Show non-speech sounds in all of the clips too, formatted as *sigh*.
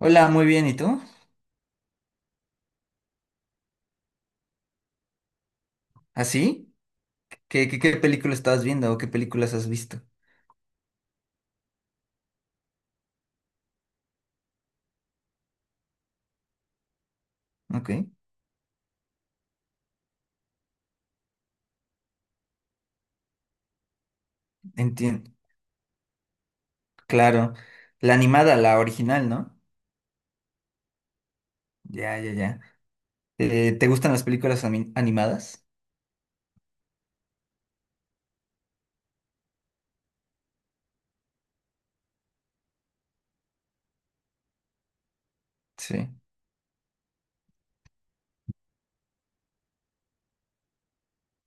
Hola, muy bien, ¿y tú? ¿Así? ¿Qué película estabas viendo o qué películas has visto? Ok, entiendo. Claro, la animada, la original, ¿no? Ya, ya, ya. ¿Te gustan las películas animadas? Sí.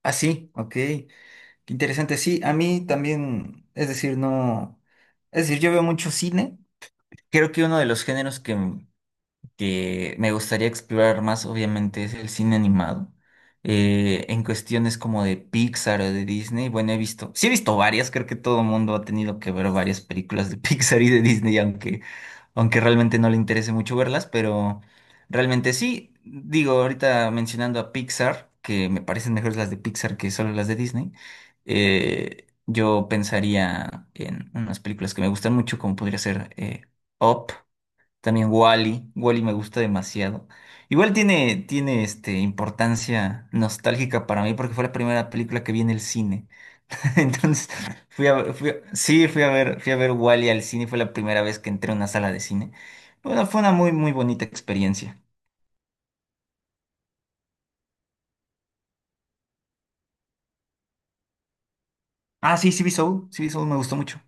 Ah, sí, ok. Qué interesante. Sí, a mí también, es decir, no. Es decir, yo veo mucho cine. Creo que uno de los géneros que me gustaría explorar más, obviamente, es el cine animado. En cuestiones como de Pixar o de Disney, bueno, he visto, sí he visto varias, creo que todo el mundo ha tenido que ver varias películas de *laughs* Pixar y de Disney, aunque realmente no le interese mucho verlas, pero realmente sí, digo, ahorita mencionando a Pixar, que me parecen mejores las de Pixar que solo las de Disney, yo pensaría en unas películas que me gustan mucho, como podría ser Up. También Wally. Wally me gusta demasiado. Igual tiene importancia nostálgica para mí porque fue la primera película que vi en el cine. *laughs* Entonces, sí, fui a ver Wally al cine. Fue la primera vez que entré a una sala de cine. Bueno, fue una muy, muy bonita experiencia. Ah, sí, sí vi Soul. Sí vi Soul, me gustó mucho.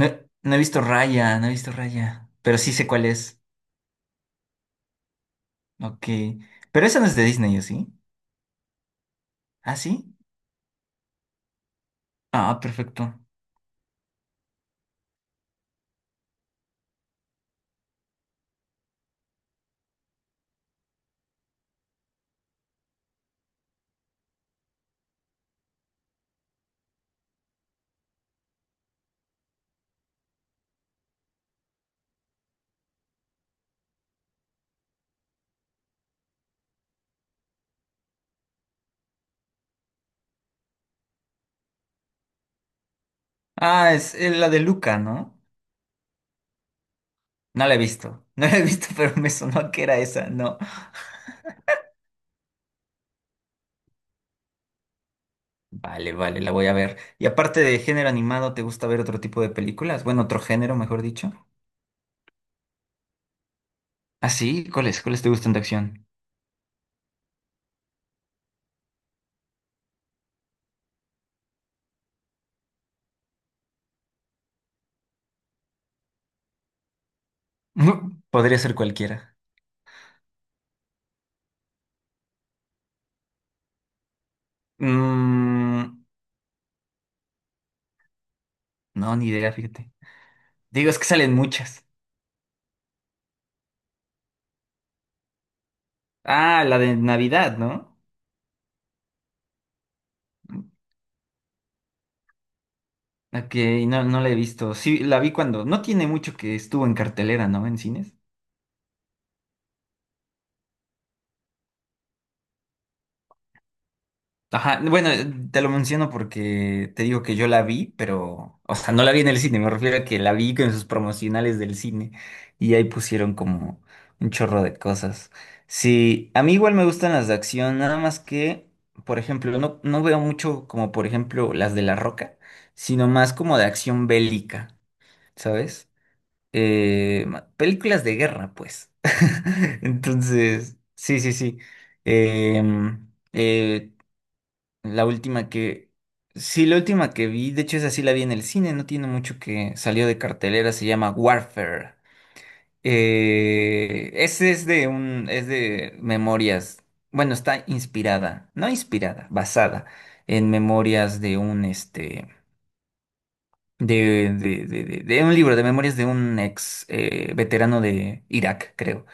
No, he no he visto Raya, no he visto Raya. Pero sí sé cuál es. Ok. Pero esa no es de Disney, ¿o sí? ¿Ah, sí? Ah, perfecto. Ah, es la de Luca, ¿no? No la he visto, *laughs* no la he visto, *laughs* pero me sonó que era esa, no. Vale, vale, la voy a ver. Y aparte de género animado, ¿te gusta ver otro tipo de películas? Bueno, otro género, mejor dicho. Ah, sí, ¿cuáles? ¿Cuáles te gustan de acción? *laughs* Podría ser cualquiera. Mm, no, ni idea, fíjate. Digo, es que salen muchas. Ah, la de Navidad, ¿no? Ok, no, no la he visto. Sí, la vi cuando. No tiene mucho que estuvo en cartelera, ¿no? En cines. Ajá, bueno, te lo menciono porque te digo que yo la vi, pero, o sea, no la vi en el cine, me refiero a que la vi con sus promocionales del cine y ahí pusieron como un chorro de cosas. Sí, a mí igual me gustan las de acción, nada más que, por ejemplo, no, no veo mucho como, por ejemplo, las de La Roca, sino más como de acción bélica, ¿sabes? Películas de guerra, pues. *laughs* Entonces, sí, sí, sí. Em, Eh, la última que... Sí, la última que vi, de hecho esa sí la vi en el cine, no tiene mucho que salió de cartelera, se llama Warfare. Ese es es de memorias, bueno, está inspirada, no inspirada, basada en memorias de un, de un libro, de memorias de un ex veterano de Irak, creo.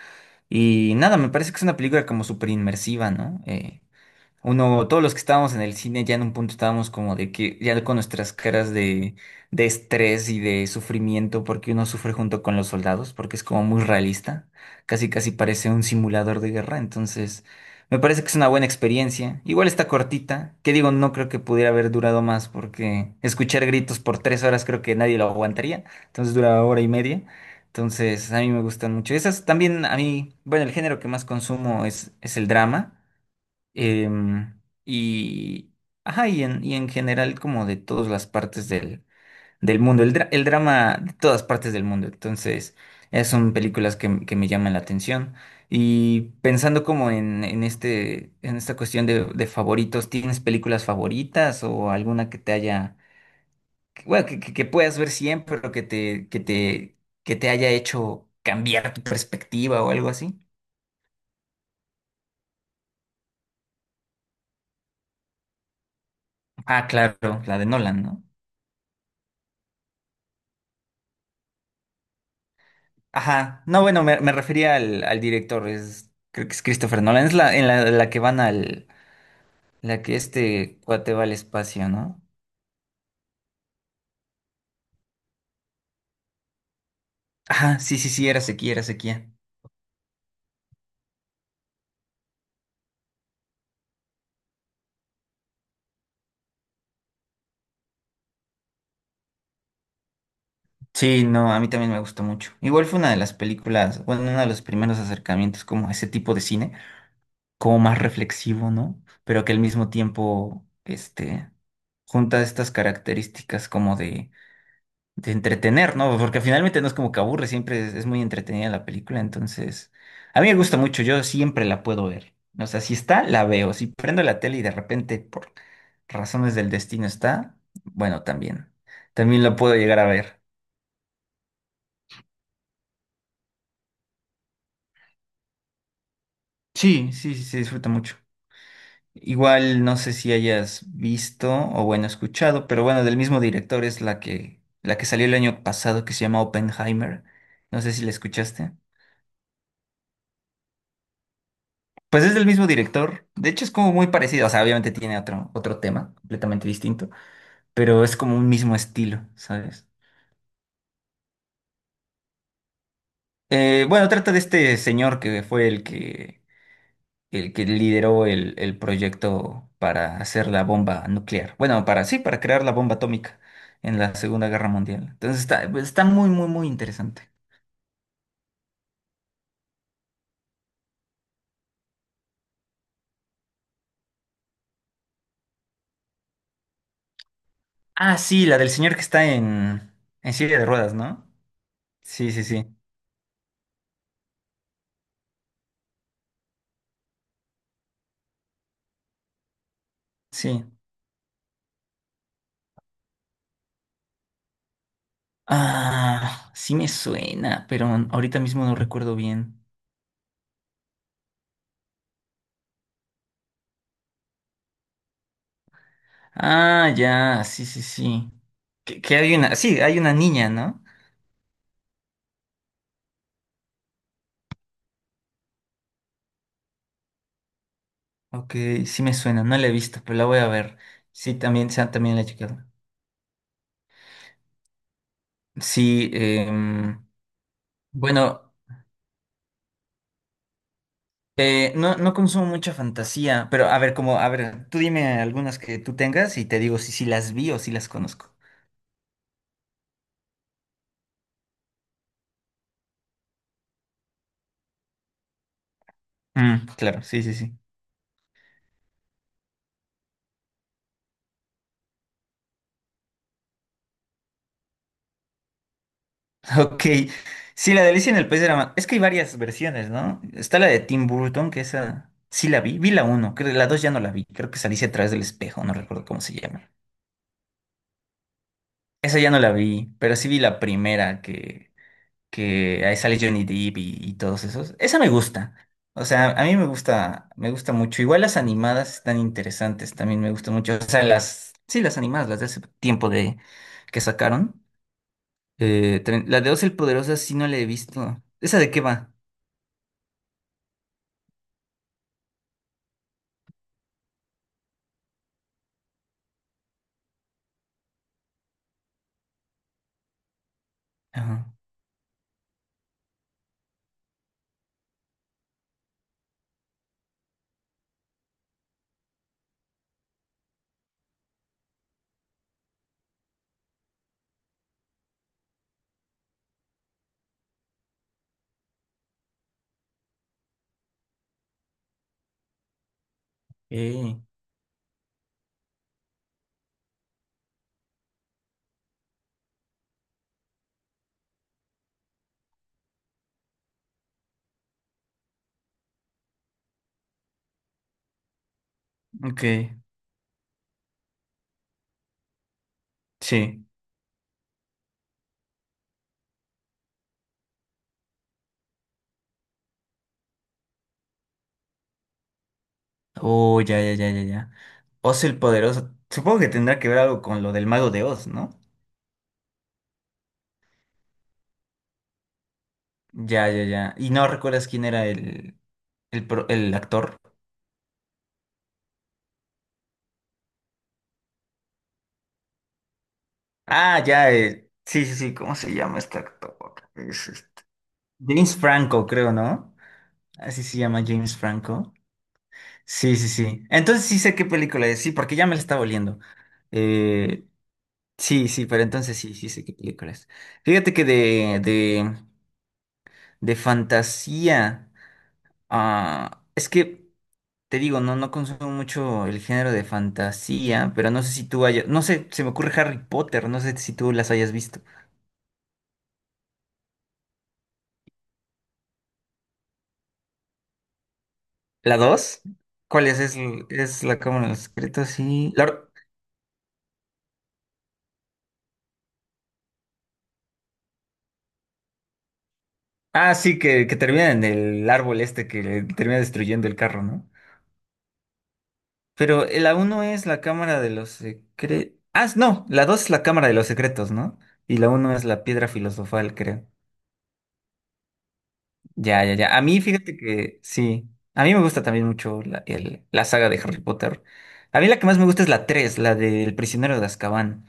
Y nada, me parece que es una película como súper inmersiva, ¿no? Uno, todos los que estábamos en el cine ya en un punto estábamos como de que ya con nuestras caras de, estrés y de sufrimiento porque uno sufre junto con los soldados porque es como muy realista, casi casi parece un simulador de guerra, entonces me parece que es una buena experiencia. Igual está cortita, que digo, no creo que pudiera haber durado más porque escuchar gritos por 3 horas creo que nadie lo aguantaría, entonces dura hora y media. Entonces, a mí me gustan mucho. Esas también, a mí, bueno, el género que más consumo es el drama. Y, ajá, y y en general como de todas las partes del mundo, el drama de todas partes del mundo. Entonces, esas son películas que me llaman la atención. Y pensando como en en esta cuestión de favoritos, ¿tienes películas favoritas o alguna que te haya, que, bueno, que puedas ver siempre, pero que te haya hecho cambiar tu perspectiva o algo así? Ah, claro, la de Nolan, ¿no? Ajá, no, bueno, me refería al director, es, creo que es Christopher Nolan, es la que van al, la que este cuate va al espacio, ¿no? Ajá, sí, sí, sí, era sequía, era sequía. Sí, no, a mí también me gustó mucho. Igual fue una de las películas, bueno, uno de los primeros acercamientos como a ese tipo de cine, como más reflexivo, ¿no? Pero que al mismo tiempo, junta estas características como de entretener, ¿no? Porque finalmente no es como que aburre, siempre es muy entretenida la película, entonces a mí me gusta mucho, yo siempre la puedo ver. O sea, si está, la veo. Si prendo la tele y de repente por razones del destino está, bueno, también. También la puedo llegar a ver. Sí, sí, sí, se disfruta mucho. Igual no sé si hayas visto o bueno, escuchado, pero bueno, del mismo director es la que salió el año pasado que se llama Oppenheimer. No sé si la escuchaste. Pues es del mismo director. De hecho, es como muy parecido. O sea, obviamente tiene otro tema completamente distinto, pero es como un mismo estilo, ¿sabes? Bueno, trata de este señor que fue el que lideró el proyecto para hacer la bomba nuclear. Bueno, para sí, para crear la bomba atómica en la Segunda Guerra Mundial. Entonces está muy, muy, muy interesante. Ah, sí, la del señor que está en silla de ruedas, ¿no? Sí, sí, sí. Sí. Ah, sí me suena, pero ahorita mismo no recuerdo bien. Ah, ya, sí, sí, sí. Que hay una, sí, hay una niña, ¿no? Ok, sí me suena, no la he visto, pero la voy a ver. Sí, también la he checado. Sí, bueno, no, no consumo mucha fantasía, pero a ver, como, a ver, tú dime algunas que tú tengas y te digo si las vi o si las conozco. Mm, claro, sí, sí, sí. Ok, sí, la de Alicia en el País de la Ma- Es que hay varias versiones, ¿no? Está la de Tim Burton, que esa sí la vi, vi la uno, creo la dos ya no la vi, creo que es Alicia a través del espejo, no recuerdo cómo se llama. Esa ya no la vi, pero sí vi la primera que ahí sale Johnny Depp y todos esos. Esa me gusta, o sea, a mí me gusta mucho. Igual las animadas están interesantes, también me gustan mucho. O sea, las, sí, las animadas, las de hace tiempo de que sacaron. La de Oz el Poderoso sí no la he visto. ¿Esa de qué va? Ajá. Ok, ok, sí. Oh, ya, ya, ya, ya, ya. Oz el Poderoso. Supongo que tendrá que ver algo con lo del Mago de Oz, ¿no? Ya, ya, ya. ¿Y no recuerdas quién era el actor? Ah, ya, sí, sí, sí, ¿cómo se llama este actor? Es este- James Franco, creo, ¿no? Así se llama James Franco. Sí, sí, sí. Entonces sí sé qué película es, sí, porque ya me la está oliendo. Eh, sí, sí, pero entonces sí, sí sé qué película es. Fíjate que de fantasía. Ah, es que te digo, no, no consumo mucho el género de fantasía, pero no sé si tú hayas. No sé, se me ocurre Harry Potter, no sé si tú las hayas visto. ¿La dos? ¿Cuál es? ¿Es, es la Cámara de los Secretos? Sí. Ah, sí, que termina en el árbol este que le termina destruyendo el carro, ¿no? Pero la uno es la Cámara de los Secretos. Ah, no, la 2 es la Cámara de los Secretos, ¿no? Y la uno es la Piedra Filosofal, creo. Ya, ya, ya. A mí, fíjate que sí. A mí me gusta también mucho la saga de Harry Potter. A mí la que más me gusta es la 3, la del prisionero de Azkaban.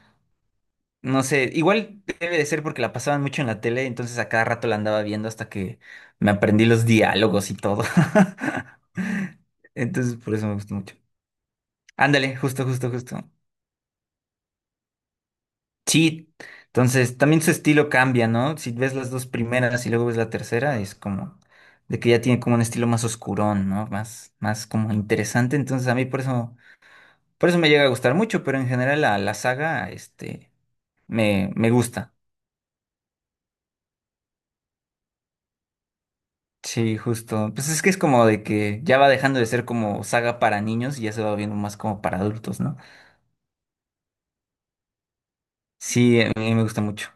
No sé, igual debe de ser porque la pasaban mucho en la tele, entonces a cada rato la andaba viendo hasta que me aprendí los diálogos y todo. *laughs* Entonces, por eso me gustó mucho. Ándale, justo, justo, justo. Sí, entonces también su estilo cambia, ¿no? Si ves las dos primeras y luego ves la tercera, es como de que ya tiene como un estilo más oscurón, ¿no? Más, más como interesante. Entonces a mí por eso me llega a gustar mucho, pero en general la saga, me gusta. Sí, justo. Pues es que es como de que ya va dejando de ser como saga para niños y ya se va viendo más como para adultos, ¿no? Sí, a mí me gusta mucho.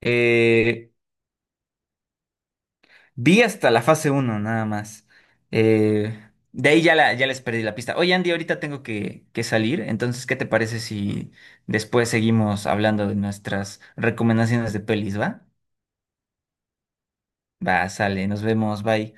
Eh, Vi hasta la fase uno nada más. Eh, de ahí ya, ya les perdí la pista. Oye, Andy, ahorita tengo que salir, entonces, ¿qué te parece si después seguimos hablando de nuestras recomendaciones de pelis, va? Va, sale, nos vemos, bye.